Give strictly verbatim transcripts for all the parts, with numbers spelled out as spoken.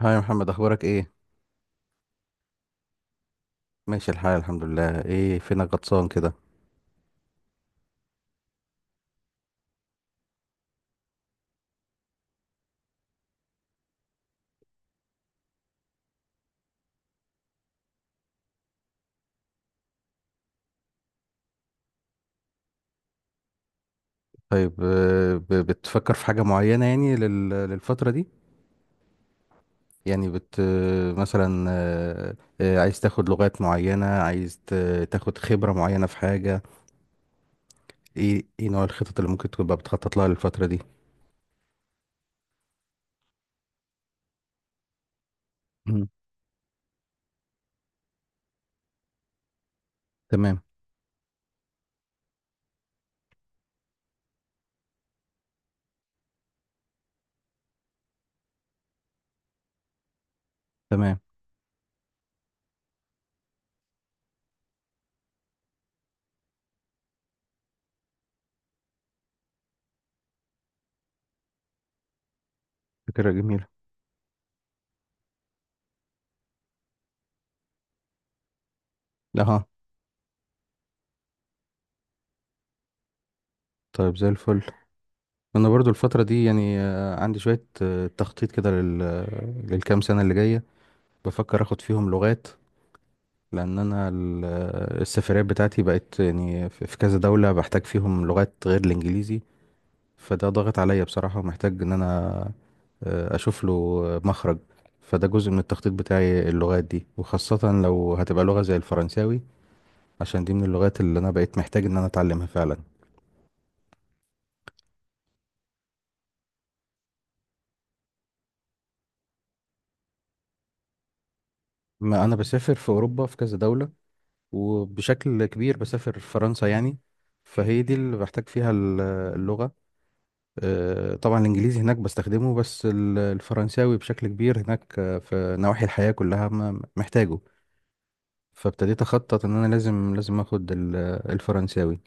هاي يا محمد، اخبارك ايه؟ ماشي الحال، الحمد لله. ايه فينك غطسان كده؟ طيب، آه، ب- بتفكر في حاجة معينة يعني لل- للفترة دي؟ يعني بت آه، مثلا، آه، آه، عايز تاخد لغات معينة، عايز ت- تاخد خبرة معينة في حاجة؟ ايه ايه نوع الخطط اللي ممكن تبقى بتخطط لها للفترة دي؟ مم. تمام. تمام. فكرة جميلة. اها. طيب، زي الفل. انا برضو الفترة دي يعني آه، عندي شوية آه، تخطيط كده لل للكام سنة اللي جاية. بفكر اخد فيهم لغات، لان انا ال- السفريات بتاعتي بقت يعني في في كذا دولة بحتاج فيهم لغات غير الانجليزي. فده ضاغط عليا بصراحة، ومحتاج ان انا آه، اشوف له مخرج. فده جزء من التخطيط بتاعي، اللغات دي، وخاصة لو هتبقى لغة زي الفرنساوي، عشان دي من اللغات اللي انا بقيت محتاج ان انا اتعلمها فعلا. ما انا بسافر في اوروبا في كذا دولة، وبشكل كبير بسافر فرنسا يعني. فهي دي اللي بحتاج فيها ال- اللغة. آه، طبعا الانجليزي هناك بستخدمه، بس ال- الفرنساوي بشكل كبير هناك، آه، في نواحي الحياة كلها م- محتاجه. فابتديت اخطط ان انا لازم لازم اخد ال- الفرنساوي.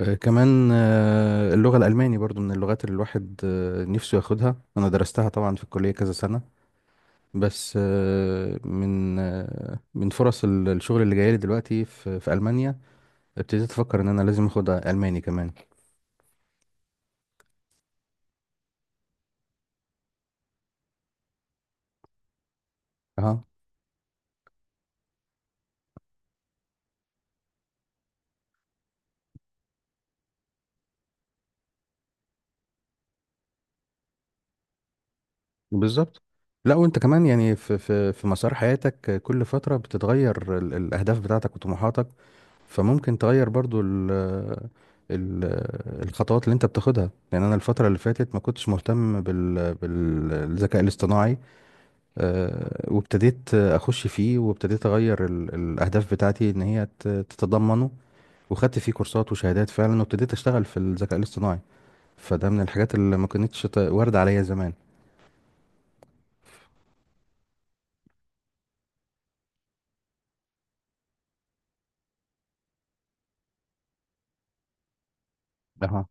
آه، كمان آه، اللغة الالماني برضو من اللغات اللي الواحد آه، نفسه ياخدها. انا درستها طبعا في الكلية كذا سنة، بس آه، من آه، من فرص ال- الشغل اللي جايلي دلوقتي في في المانيا، ابتديت افكر ان انا لازم اخد الماني كمان. أها. بالظبط. لا، وانت كمان يعني في في في مسار حياتك كل فتره بتتغير ال- الاهداف بتاعتك وطموحاتك، فممكن تغير برضو ال ال الخطوات اللي انت بتاخدها. يعني انا الفتره اللي فاتت ما كنتش مهتم بال بالذكاء الاصطناعي، آه، وابتديت اخش فيه، وابتديت اغير ال- الاهداف بتاعتي ان هي ت- تتضمنه، وخدت فيه كورسات وشهادات فعلا، وابتديت اشتغل في الذكاء الاصطناعي. فده من الحاجات اللي ما كانتش ت- وارده عليا زمان. اها.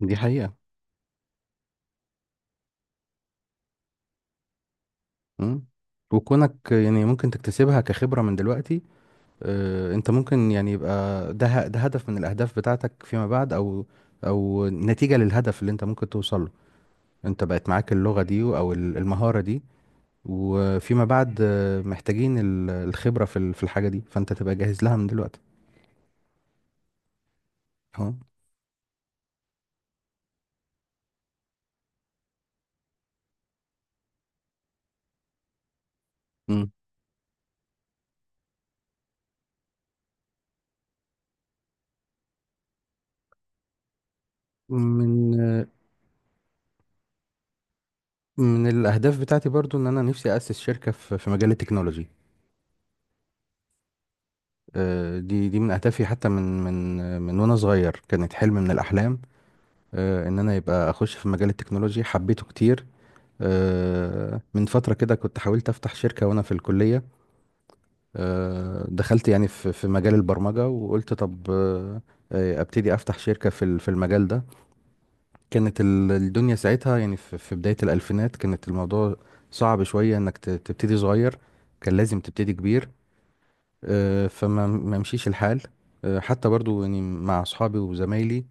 دي حقيقه. مم. وكونك يعني ممكن تكتسبها كخبرة من دلوقتي، آه، انت ممكن يعني يبقى ده ه- ده هدف من الاهداف بتاعتك فيما بعد، او او نتيجة للهدف اللي انت ممكن توصل له، انت بقت معاك اللغة دي او ال- المهارة دي، وفيما بعد آه، محتاجين ال- الخبرة في ال- في الحاجة دي، فانت تبقى جاهز لها من دلوقتي. اه. مم. من آه، من الاهداف بتاعتي برضو ان انا نفسي اسس شركة في في مجال التكنولوجي. آه، دي دي من اهدافي، حتى من من آه، من وانا صغير كانت حلم من الاحلام، آه، ان انا يبقى اخش في مجال التكنولوجيا. حبيته كتير. آه، من فترة كده كنت حاولت افتح شركة وانا في الكلية. آه، دخلت يعني في في مجال البرمجة وقلت طب، آه، آه، ابتدي افتح شركة في ال- في المجال ده. كانت ال- الدنيا ساعتها يعني في في بداية الالفينات كانت الموضوع صعب شوية انك ت- تبتدي صغير، كان لازم تبتدي كبير. آه، فما ما مشيش الحال. آه، حتى برضو يعني مع اصحابي وزمايلي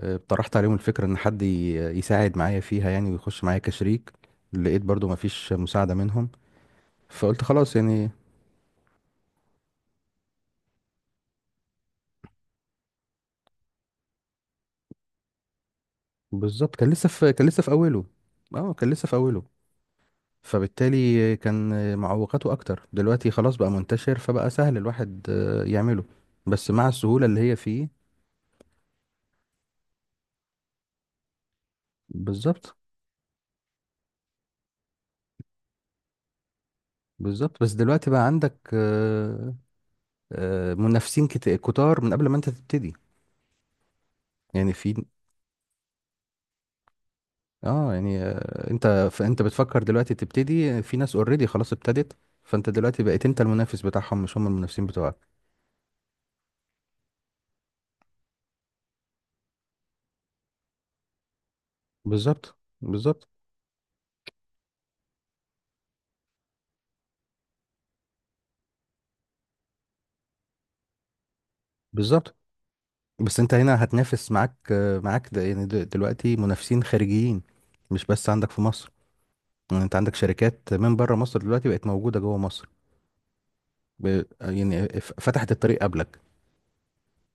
آه، طرحت عليهم الفكرة ان حد ي- يساعد معايا فيها يعني، ويخش معايا كشريك، لقيت برضو ما فيش مساعدة منهم، فقلت خلاص يعني. بالظبط. كان لسه في كان لسه في اوله. اه، كان لسه في اوله. فبالتالي كان معوقاته اكتر. دلوقتي خلاص بقى منتشر، فبقى سهل الواحد آه، يعمله، بس مع السهولة اللي هي فيه، بالظبط. بالظبط. بس دلوقتي بقى عندك آه، آه، منافسين كت- كتار من قبل ما انت تبتدي. يعني في اه يعني آه، انت فانت بتفكر دلوقتي تبتدي، في ناس اوريدي خلاص ابتدت، فانت دلوقتي بقيت انت المنافس بتاعهم، مش هم المنافسين بتوعك. بالظبط. بالظبط. بالظبط. بس انت هنا هتنافس معاك آه، معاك ده، يعني د- دلوقتي منافسين خارجيين، مش بس عندك في مصر. يعني انت عندك شركات من بره مصر دلوقتي بقت موجودة جوه مصر، ب... يعني ف- فتحت الطريق قبلك.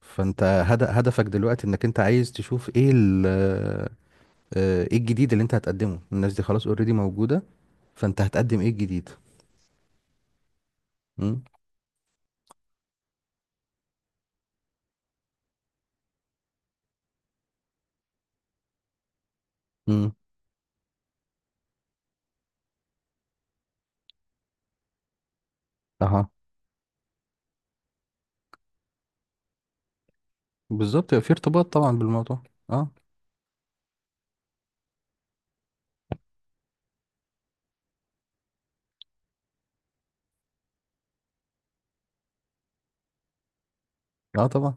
فانت هد- هدفك دلوقتي انك انت عايز تشوف ايه ال... آه، ايه الجديد اللي انت هتقدمه. الناس دي خلاص اوريدي موجودة، فانت هتقدم ايه الجديد؟ امم. امم. اها. بالظبط، يبقى في ارتباط طبعا بالموضوع. اه. اه طبعا.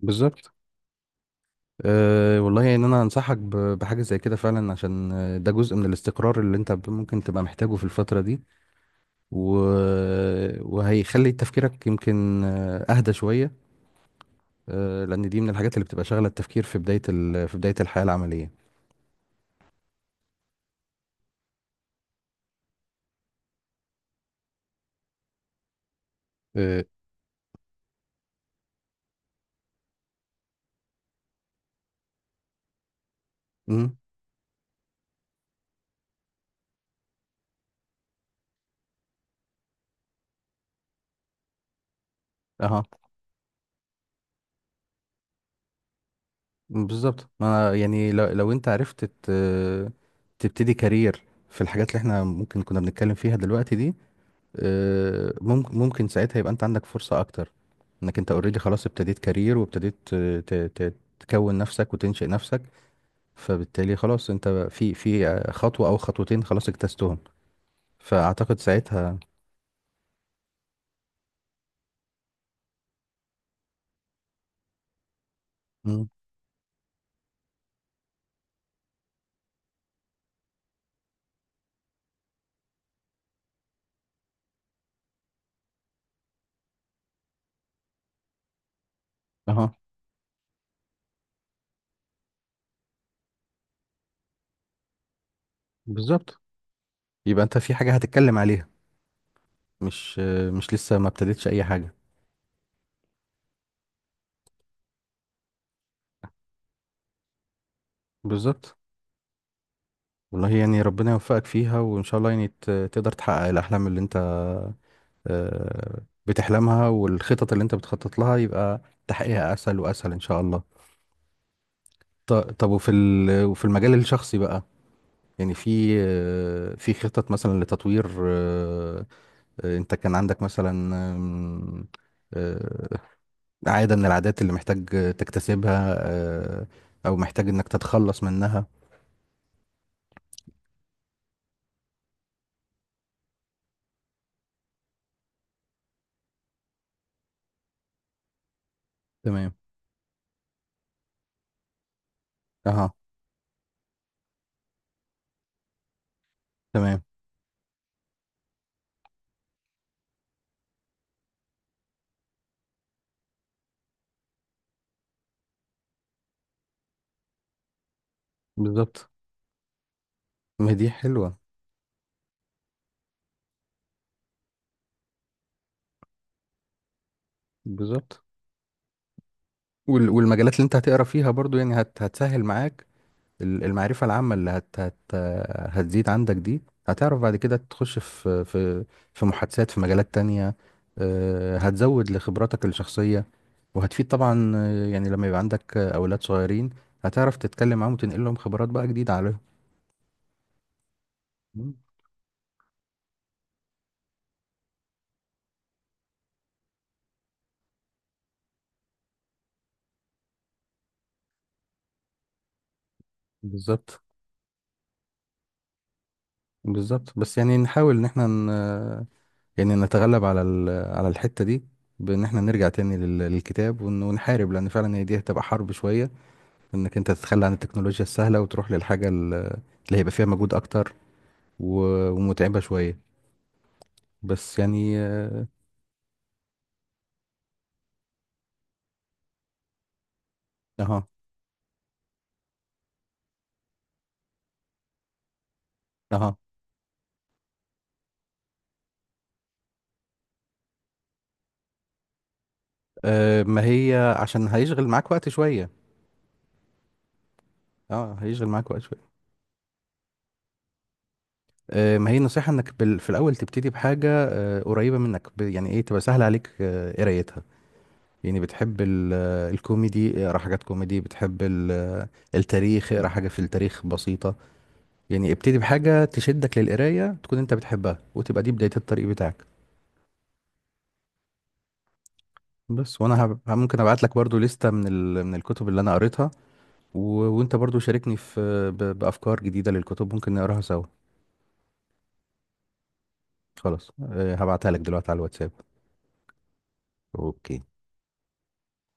بالظبط. أه والله، ان انا انصحك ب- بحاجه زي كده فعلا، عشان آه، ده جزء من الاستقرار اللي انت ب- ممكن تبقى محتاجه في الفتره دي، و... وهيخلي تفكيرك يمكن آه، اهدى شويه. أه، لان دي من الحاجات اللي بتبقى شاغله التفكير في بدايه ال... في بدايه الحياه العمليه. أه. مم. اها. بالظبط. ما أنا يعني لو, لو انت عرفت ت- تبتدي كارير في الحاجات اللي احنا ممكن كنا بنتكلم فيها دلوقتي دي، آه، ممكن ممكن ساعتها يبقى انت عندك فرصة اكتر، انك انت اوريدي خلاص ابتديت كارير، وابتديت ت- ت- ت- تكون نفسك وتنشئ نفسك، فبالتالي خلاص انت في في خطوة او خطوتين خلاص اجتزتهم، فاعتقد ساعتها. مم. اها. بالظبط، يبقى انت في حاجة هتتكلم عليها، مش آه، مش لسه ما ابتديتش اي حاجة. بالظبط. والله يعني ربنا يوفقك فيها، وإن شاء الله يعني ت- تقدر تحقق الأحلام اللي أنت آه، بتحلمها، والخطط اللي أنت بتخطط لها يبقى تحقيقها أسهل وأسهل إن شاء الله. ط- طب، وفي ال- وفي المجال الشخصي بقى، يعني في آه، في خطط مثلا لتطوير آه، آه، أنت كان عندك مثلا آم، آه، عادة من العادات اللي محتاج تكتسبها، آه، أو محتاج إنك تتخلص منها؟ تمام. أها. تمام. بالظبط. ما هي دي حلوة. بالظبط. وال- والمجالات اللي انت هتقرا فيها برضو يعني هت هتسهل معاك. ال- المعرفة العامة اللي هت هت هتزيد عندك دي، هتعرف بعد كده تخش في في في محادثات في مجالات تانية. آه، هتزود لخبراتك الشخصية، وهتفيد طبعا. آه، يعني لما يبقى عندك آه، أولاد صغيرين، هتعرف تتكلم معاهم وتنقل لهم خبرات بقى جديدة عليهم. مم. بالظبط. بالظبط. بس يعني نحاول ان احنا يعني نتغلب على ال- على الحتة دي، بان احنا نرجع تاني لل- للكتاب، ون- ونحارب، لان فعلا هي دي هتبقى حرب شوية، انك انت تتخلى عن التكنولوجيا السهلة، وتروح للحاجة ال- اللي هيبقى فيها مجهود اكتر، و- ومتعبة شوية، بس يعني آه، اها. اها. آه، ما هي عشان هيشغل معاك وقت شوية. اه، هيشغل معاك وقت شوية. آه، ما هي النصيحة انك بال- في الاول تبتدي بحاجة آه، قريبة منك، ب- يعني ايه تبقى سهل عليك آه، قرايتها. يعني بتحب ال- آه، الكوميدي، اقرا حاجات كوميدي. بتحب ال- آه، التاريخ، اقرا حاجة في التاريخ بسيطة. يعني ابتدي بحاجة تشدك للقراية، تكون انت بتحبها، وتبقى دي بداية الطريق بتاعك. بس وانا هب... ممكن ابعت لك برضو لستة من ال... من الكتب اللي انا قريتها، و... وانت برضو شاركني في ب... بافكار جديدة للكتب ممكن نقراها سوا. خلاص، أه، هبعتها لك دلوقتي على الواتساب. اوكي.